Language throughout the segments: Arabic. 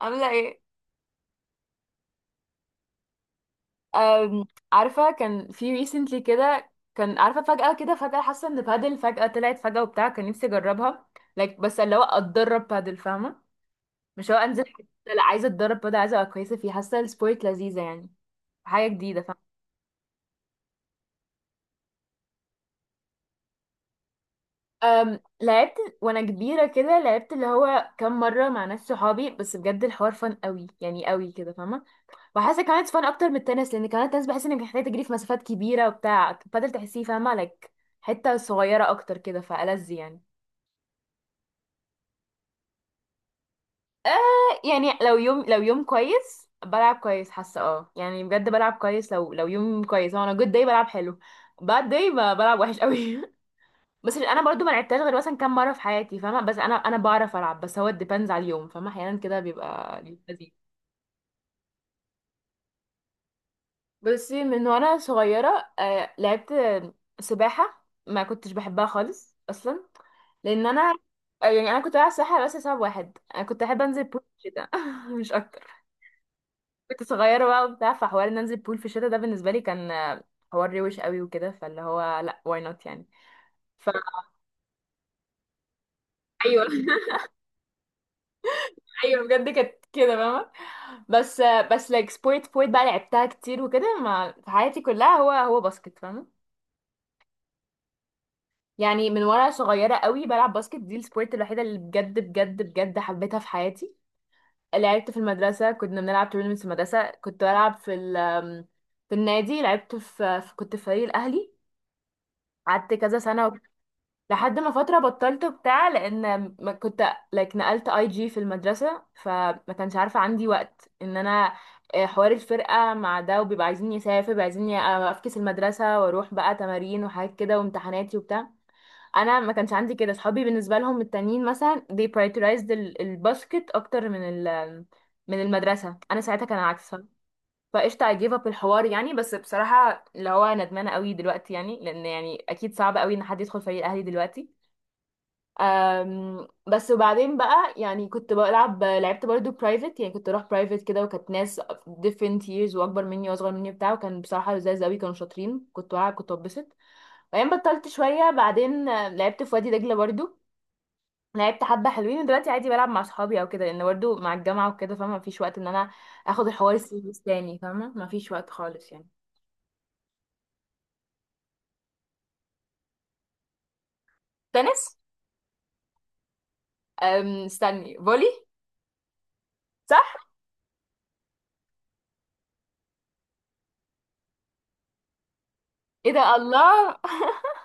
عاملة ايه؟ أم، عارفة، كان في ريسنتلي كده، كان عارفة فجأة كده فجأة حاسة ان بادل فجأة طلعت فجأة وبتاع، كان نفسي اجربها. Like بس اللي هو اتدرب بادل، فاهمة؟ مش هو انزل حتة، لا عايزة اتدرب بادل، عايزة ابقى كويسة فيه، حاسة السبورت لذيذة يعني، حاجة جديدة فاهمة. لعبت وانا كبيرة كده، لعبت اللي هو كام مرة مع ناس صحابي، بس بجد الحوار فن قوي، يعني قوي كده فاهمة. وحاسه كمان فن اكتر من التنس، لان كمان التنس بحس انك محتاجه تجري في مسافات كبيره وبتاع، بدل تحسيه فاهمه لك حته صغيره اكتر كده فألذ يعني. آه يعني لو يوم كويس بلعب كويس، حاسه اه يعني بجد بلعب كويس، لو يوم كويس، هو انا جود داي بلعب حلو. باد داي بلعب وحش قوي بس انا برضو ما لعبتهاش غير مثلا كام مره في حياتي فاهمه، بس انا بعرف العب، بس هو ديبندز على اليوم فاهمه، احيانا كده بيبقى لذيذ. بصي، من وانا صغيرة لعبت سباحة، ما كنتش بحبها خالص اصلا، لان انا يعني انا كنت بلعب سباحة بس لسبب واحد: انا كنت احب انزل بول في الشتاء مش اكتر. كنت صغيرة بقى وبتاع، فحوار ان انزل بول في الشتاء ده بالنسبة لي كان حوار روش قوي وكده، فاللي هو لا واي نوت يعني. فايوه ايوه بجد كانت كده فاهمة. بس بس لايك سبورت سبورت بقى لعبتها كتير وكده ما في حياتي كلها، هو باسكت فاهمة. يعني من وانا صغيره قوي بلعب باسكت، دي السبورت الوحيده اللي بجد بجد بجد حبيتها في حياتي. لعبت في المدرسه، كنا بنلعب تورنمنتس في المدرسه، كنت بلعب في ال، في النادي، لعبت كنت في فريق الاهلي، قعدت كذا سنه لحد ما فتره بطلت بتاع، لان ما كنت like نقلت اي جي في المدرسه، فما كانش عارفه عندي وقت ان انا حوار الفرقه مع ده، وبيبقى عايزين يسافر بيبقى عايزين افكس المدرسه واروح بقى تمارين وحاجات كده وامتحاناتي وبتاع. انا ما كانش عندي كده صحابي بالنسبه لهم التانيين مثلا they prioritized الباسكت اكتر من ال، من المدرسه، انا ساعتها كان العكس. فقشطه I gave up الحوار يعني، بس بصراحه اللي هو ندمانه قوي دلوقتي يعني، لان يعني اكيد صعب قوي ان حد يدخل فريق الاهلي دلوقتي. بس وبعدين بقى، يعني كنت بلعب، لعبت برضو برايفت، يعني كنت اروح برايفت كده، وكانت ناس different years، واكبر مني واصغر مني بتاع، وكان بصراحه لذاذ قوي، كانوا شاطرين، كنت بلعب كنت ببسط. وبعدين بطلت شويه، بعدين لعبت في وادي دجله برضو، لعبت حبة حلوين. ودلوقتي عادي بلعب مع صحابي او كده، لان برضه مع الجامعة وكده فاهمة مفيش وقت ان انا اخد الحوار السيريس تاني، فاهمة مفيش وقت خالص يعني. تنس. استني، فولي. صح. ايه ده، الله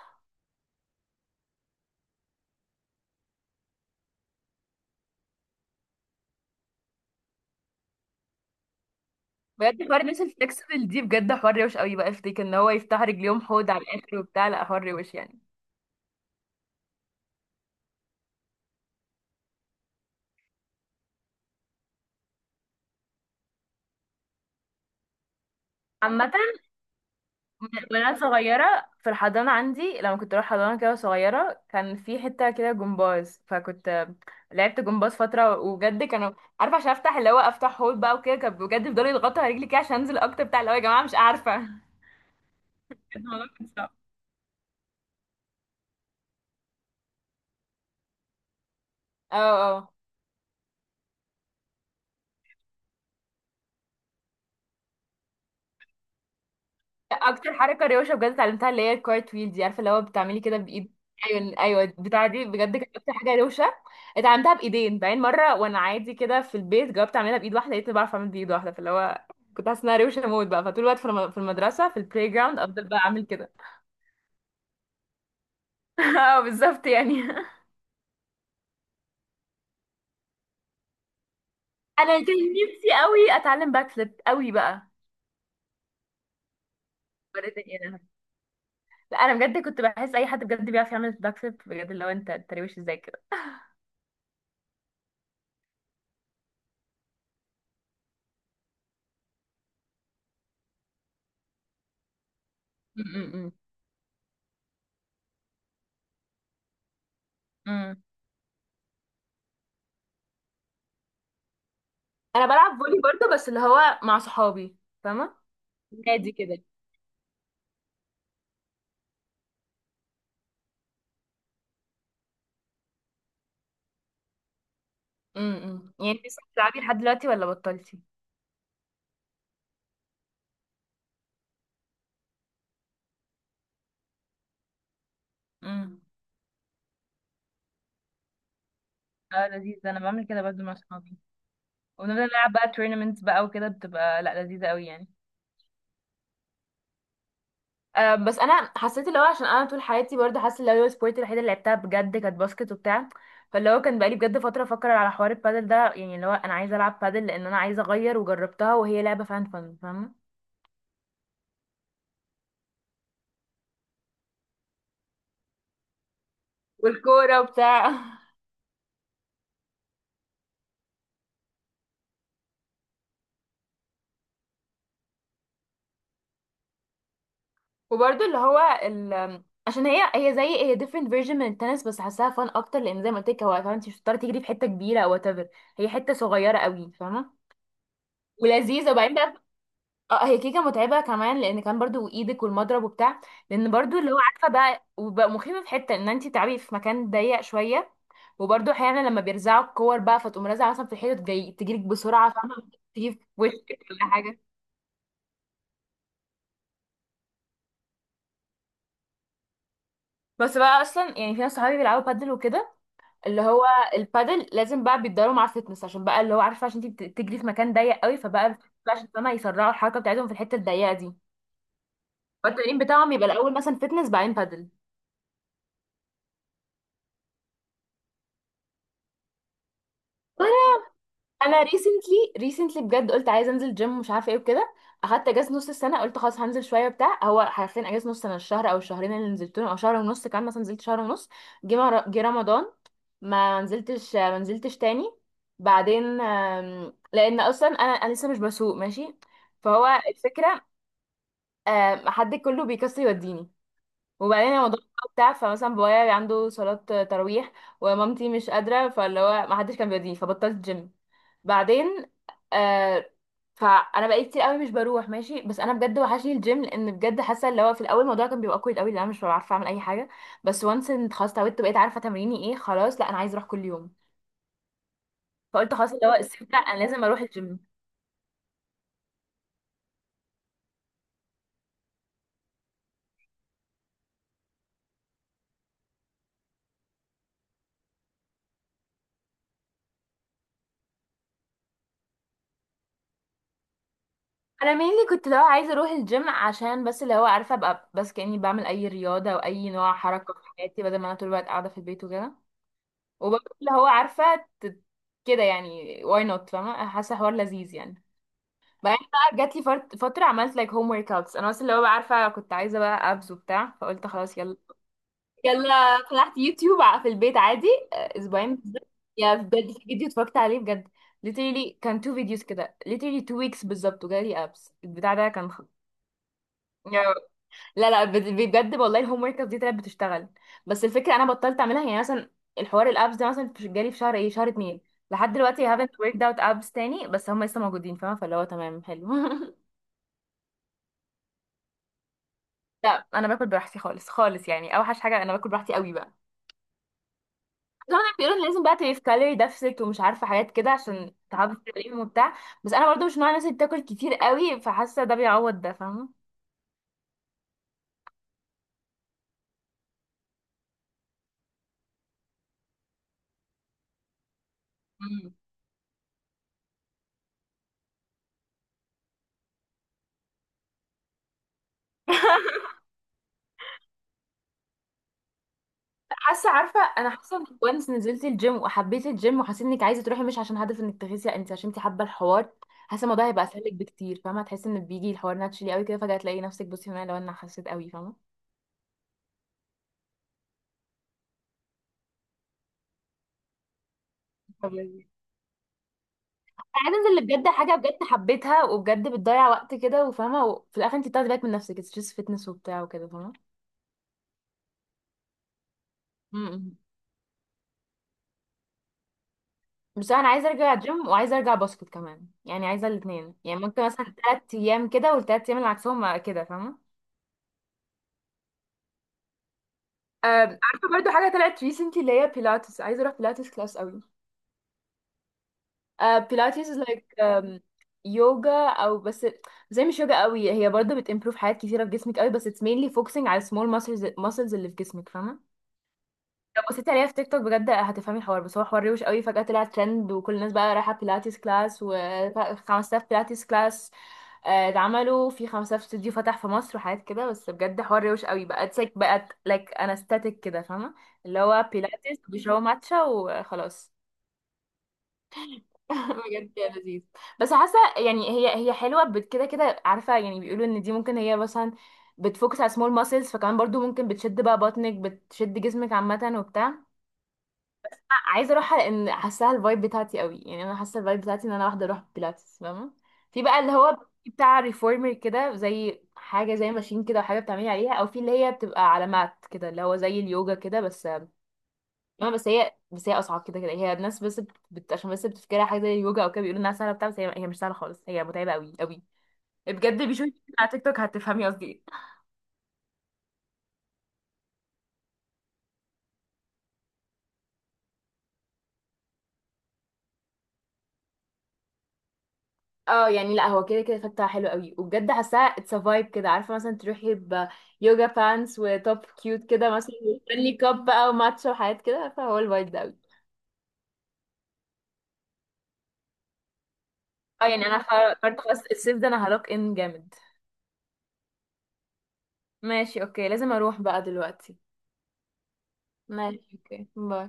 بجد حوار الناس الفلكسبل دي بجد حوار روش قوي، بقى افتكر ان هو يفتح رجليهم حوض على الاخر وبتاع، لا حوار روش يعني. عامة وانا صغيره في الحضانه عندي، لما كنت اروح حضانه كده صغيره، كان في حته كده جمباز، فكنت لعبت جمباز فتره، وبجد كانوا عارفه عشان افتح اللي هو افتح هول بقى وكده، كان بجد بيفضلوا يضغطوا على رجلي كده عشان انزل اكتر بتاع، اللي هو يا جماعه مش عارفه. الموضوع كان صعب. اه. اه اكتر حركه روشه بجد اتعلمتها اللي هي الكارت ويل دي عارفه، اللي هو بتعملي كده بايد، ايوه ايوه بتاع، دي بجد كانت اكتر حاجه روشه اتعلمتها بايدين. بعدين مره وانا عادي كده في البيت جربت اعملها بايد واحده، لقيتني بعرف اعمل بايد واحده، فاللي هو كنت حاسه انها روشه موت بقى، فطول الوقت في في المدرسه في البلاي جراوند افضل بقى اعمل كده اه بالظبط يعني انا كان نفسي قوي اتعلم باك فليب قوي بقى. وريتني إيه أنا. لا انا بجد كنت بحس اي حد بجد بيعرف يعمل باك فليب بجد، اللي هو انت، انت روش ازاي كده. م- م- م. انا بلعب فولي برضه، بس اللي هو مع صحابي فاهمه، نادي كده. امم، يعني انت لسه بتلعبي لحد دلوقتي ولا بطلتي؟ امم. اه لذيذ، انا بعمل كده برضو مع صحابي، ونفضل نلعب بقى تورنمنتس بقى وكده، بتبقى لا لذيذة قوي يعني. أه بس انا حسيت اللي هو عشان انا طول حياتي برضه حاسه اللي هو سبورت الوحيده اللي لعبتها بجد كانت باسكت وبتاع، فاللي هو كان بقالي بجد فتره افكر على حوار البادل ده، يعني اللي هو انا عايزه العب بادل، لان انا عايزه اغير وجربتها وهي لعبه فان فن فاهمه. والكوره وبتاع وبرضه اللي هو ال... عشان هي هي زي هي different version من التنس، بس حاساها فن اكتر، لان زي ما قلت لك هو كمان انت مش بتضطري تجري في حته كبيره او whatever، هي حته صغيره قوي فاهمه، ولذيذه. وبعدين بقى اه، هي كيكه متعبه كمان لان كان برضو ايدك والمضرب وبتاع، لان برضو اللي هو عارفه بقى وبقى مخيفه في حته ان انت تلعبي في مكان ضيق شويه، وبرضو احيانا لما بيرزعوا الكور بقى فتقوم رازعه مثلا في الحيطه جاي تجيلك بسرعه فاهمه، تيجي في وشك ولا حاجه. بس بقى اصلا يعني في ناس صحابي بيلعبوا بادل وكده، اللي هو البادل لازم بقى بيتدربوا مع الفتنس، عشان بقى اللي هو عارفه عشان انت بتجري في مكان ضيق قوي، فبقى بقى عشان فاهمه يسرعوا الحركه بتاعتهم في الحته الضيقه دي، فالتمرين بتاعهم يبقى الاول مثلا فتنس بعدين بادل. انا ريسنتلي ريسنتلي بجد قلت عايزه انزل جيم، مش عارفه ايه وكده، اخدت اجازه نص السنه، قلت خلاص هنزل شويه بتاع، هو حرفيا اجازه نص سنه، الشهر او الشهرين اللي نزلتهم او شهر ونص، كان مثلا نزلت شهر ونص، جه رمضان، ما نزلتش ما نزلتش تاني. بعدين لان اصلا انا لسه مش بسوق ماشي، فهو الفكره حد كله بيكسر يوديني، وبعدين الموضوع بتاع، فمثلا بابايا عنده صلاه تراويح، ومامتي مش قادره، فاللي هو ما حدش كان بيوديني، فبطلت جيم. بعدين آه، فانا بقيت كتير قوي مش بروح ماشي، بس انا بجد وحشني الجيم، لان بجد حاسه اللي هو في الاول الموضوع كان بيبقى كويس قوي لان انا مش بعرف اعمل اي حاجه، بس وانس ان خلاص اتعودت بقيت عارفه تمريني ايه، خلاص لا انا عايزه اروح كل يوم. فقلت خلاص اللي هو الصيف ده انا لازم اروح الجيم. انا mainly كنت اللي هو عايزه اروح الجيم عشان بس اللي هو عارفه ابقى بس كاني بعمل اي رياضه او اي نوع حركه في حياتي بدل ما انا طول الوقت قاعده في البيت وكده. وبرضه اللي هو عارفه كده يعني why not فاهمه، حاسه حوار لذيذ يعني. بعدين بقى جات لي فتره عملت like home workouts انا، بس اللي هو بقى عارفه كنت عايزه بقى abs وبتاع، فقلت خلاص يلا، يلا فتحت يوتيوب في البيت عادي. اسبوعين بالظبط، يا بجد في فيديو اتفرجت عليه بجد literally، كان تو فيديوز كده، literally two weeks بالظبط، وجالي ابس البتاع ده كان خ... يا- لا لا بجد والله، الهوم ورك دي طلعت بتشتغل. بس الفكره انا بطلت اعملها، يعني مثلا الحوار الابس ده مثلا جالي في شهر ايه، شهر اتنين، لحد دلوقتي I haven't worked out abs تاني، بس هم لسه موجودين فاهمه، فاللي هو تمام حلو لا انا باكل براحتي خالص خالص يعني، اوحش حاجه انا باكل براحتي قوي بقى. هما بيقولوا إن لازم بقى تبقي في كالوري ديفست ومش عارفه حاجات كده عشان تعرفي تتكلمي وبتاع، بس انا برضو مش نوع الناس اللي بتاكل كتير قوي، فحاسه ده بيعوض ده فاهمه. مم. حاسه عارفه، انا حاسه انك وانس نزلت الجيم وحبيت الجيم وحسيت انك عايزه تروحي مش عشان هدف انك تخسي لا، انت عشان انت حابه الحوار، حاسه الموضوع هيبقى اسهل لك بكتير فاهمه، هتحسي ان بيجي الحوار ناتشلي قوي كده، فجاه تلاقي نفسك بصي هنا لو انا حسيت قوي فاهمه. طب لذيذ. انا عايزه انزل اللي بجد حاجه بجد حبيتها وبجد بتضيع وقت كده وفاهمه، وفي الاخر انت بتاخدي بالك من نفسك ستريس فيتنس وبتاع وكده فاهمه. مم. بس انا عايزه ارجع جيم وعايزه ارجع باسكت كمان، يعني عايزه الاثنين، يعني ممكن مثلا 3 ايام كده والثلاث ايام اللي عكسهم كده فاهمه. عارفه برضو حاجه طلعت ريسنتلي اللي هي بيلاتس، عايزه اروح بيلاتس كلاس قوي. بيلاتس از لايك يوجا او بس زي مش يوجا قوي، هي برضو بتمبروف حاجات كتيره في جسمك قوي، بس اتس مينلي فوكسنج على السمول ماسلز، ماسلز اللي في جسمك فاهمه. لو بصيتي عليها في تيك توك بجد هتفهمي الحوار، بس هو حوار روش قوي، فجاه طلع ترند، وكل الناس بقى رايحه بيلاتس كلاس و5000 بيلاتس كلاس. اتعملوا في 15 استوديو فتح في مصر وحاجات كده، بس بجد حوار روش قوي، بقت سك بقت لايك انا ستاتيك كده فاهمه، اللي هو بيلاتس بيشربوا ماتشا وخلاص بجد يا لذيذ. بس حاسه يعني هي هي حلوه كده كده عارفه يعني بيقولوا ان دي ممكن هي مثلا بتفوكس على سمول ماسلز، فكمان برضو ممكن بتشد بقى بطنك بتشد جسمك عامه وبتاع، عايزه اروحها لان حاساها الفايب بتاعتي قوي يعني، انا حاسه الفايب بتاعتي ان انا واحده اروح بيلاتس فاهمه. في بقى اللي هو بتاع ريفورمر كده زي حاجه زي ماشين كده وحاجه بتعملي عليها، او في اللي هي بتبقى على مات كده اللي هو زي اليوجا كده، بس ما بس هي اصعب كده كده، هي الناس بس بت... عشان بس بتفكرها حاجه زي اليوجا او كده، بيقولوا انها سهله بتاع، بس هي... هي مش سهله خالص، هي متعبه قوي قوي بجد، بيشوفي على تيك توك هتفهمي قصدي إيه. اه يعني لا هو كده كده فتحة حلو قوي وبجد حاساها اتس فايب كده عارفه، مثلا تروحي بيوجا بانس وتوب كيوت كده مثلا وستانلي كاب بقى وماتشا وحاجات كده عارفه، هو الفايب ده قوي. اه يعني انا قررت خلاص الصيف ده انا هروك ان جامد. ماشي اوكي، لازم اروح بقى دلوقتي. ماشي اوكي، باي.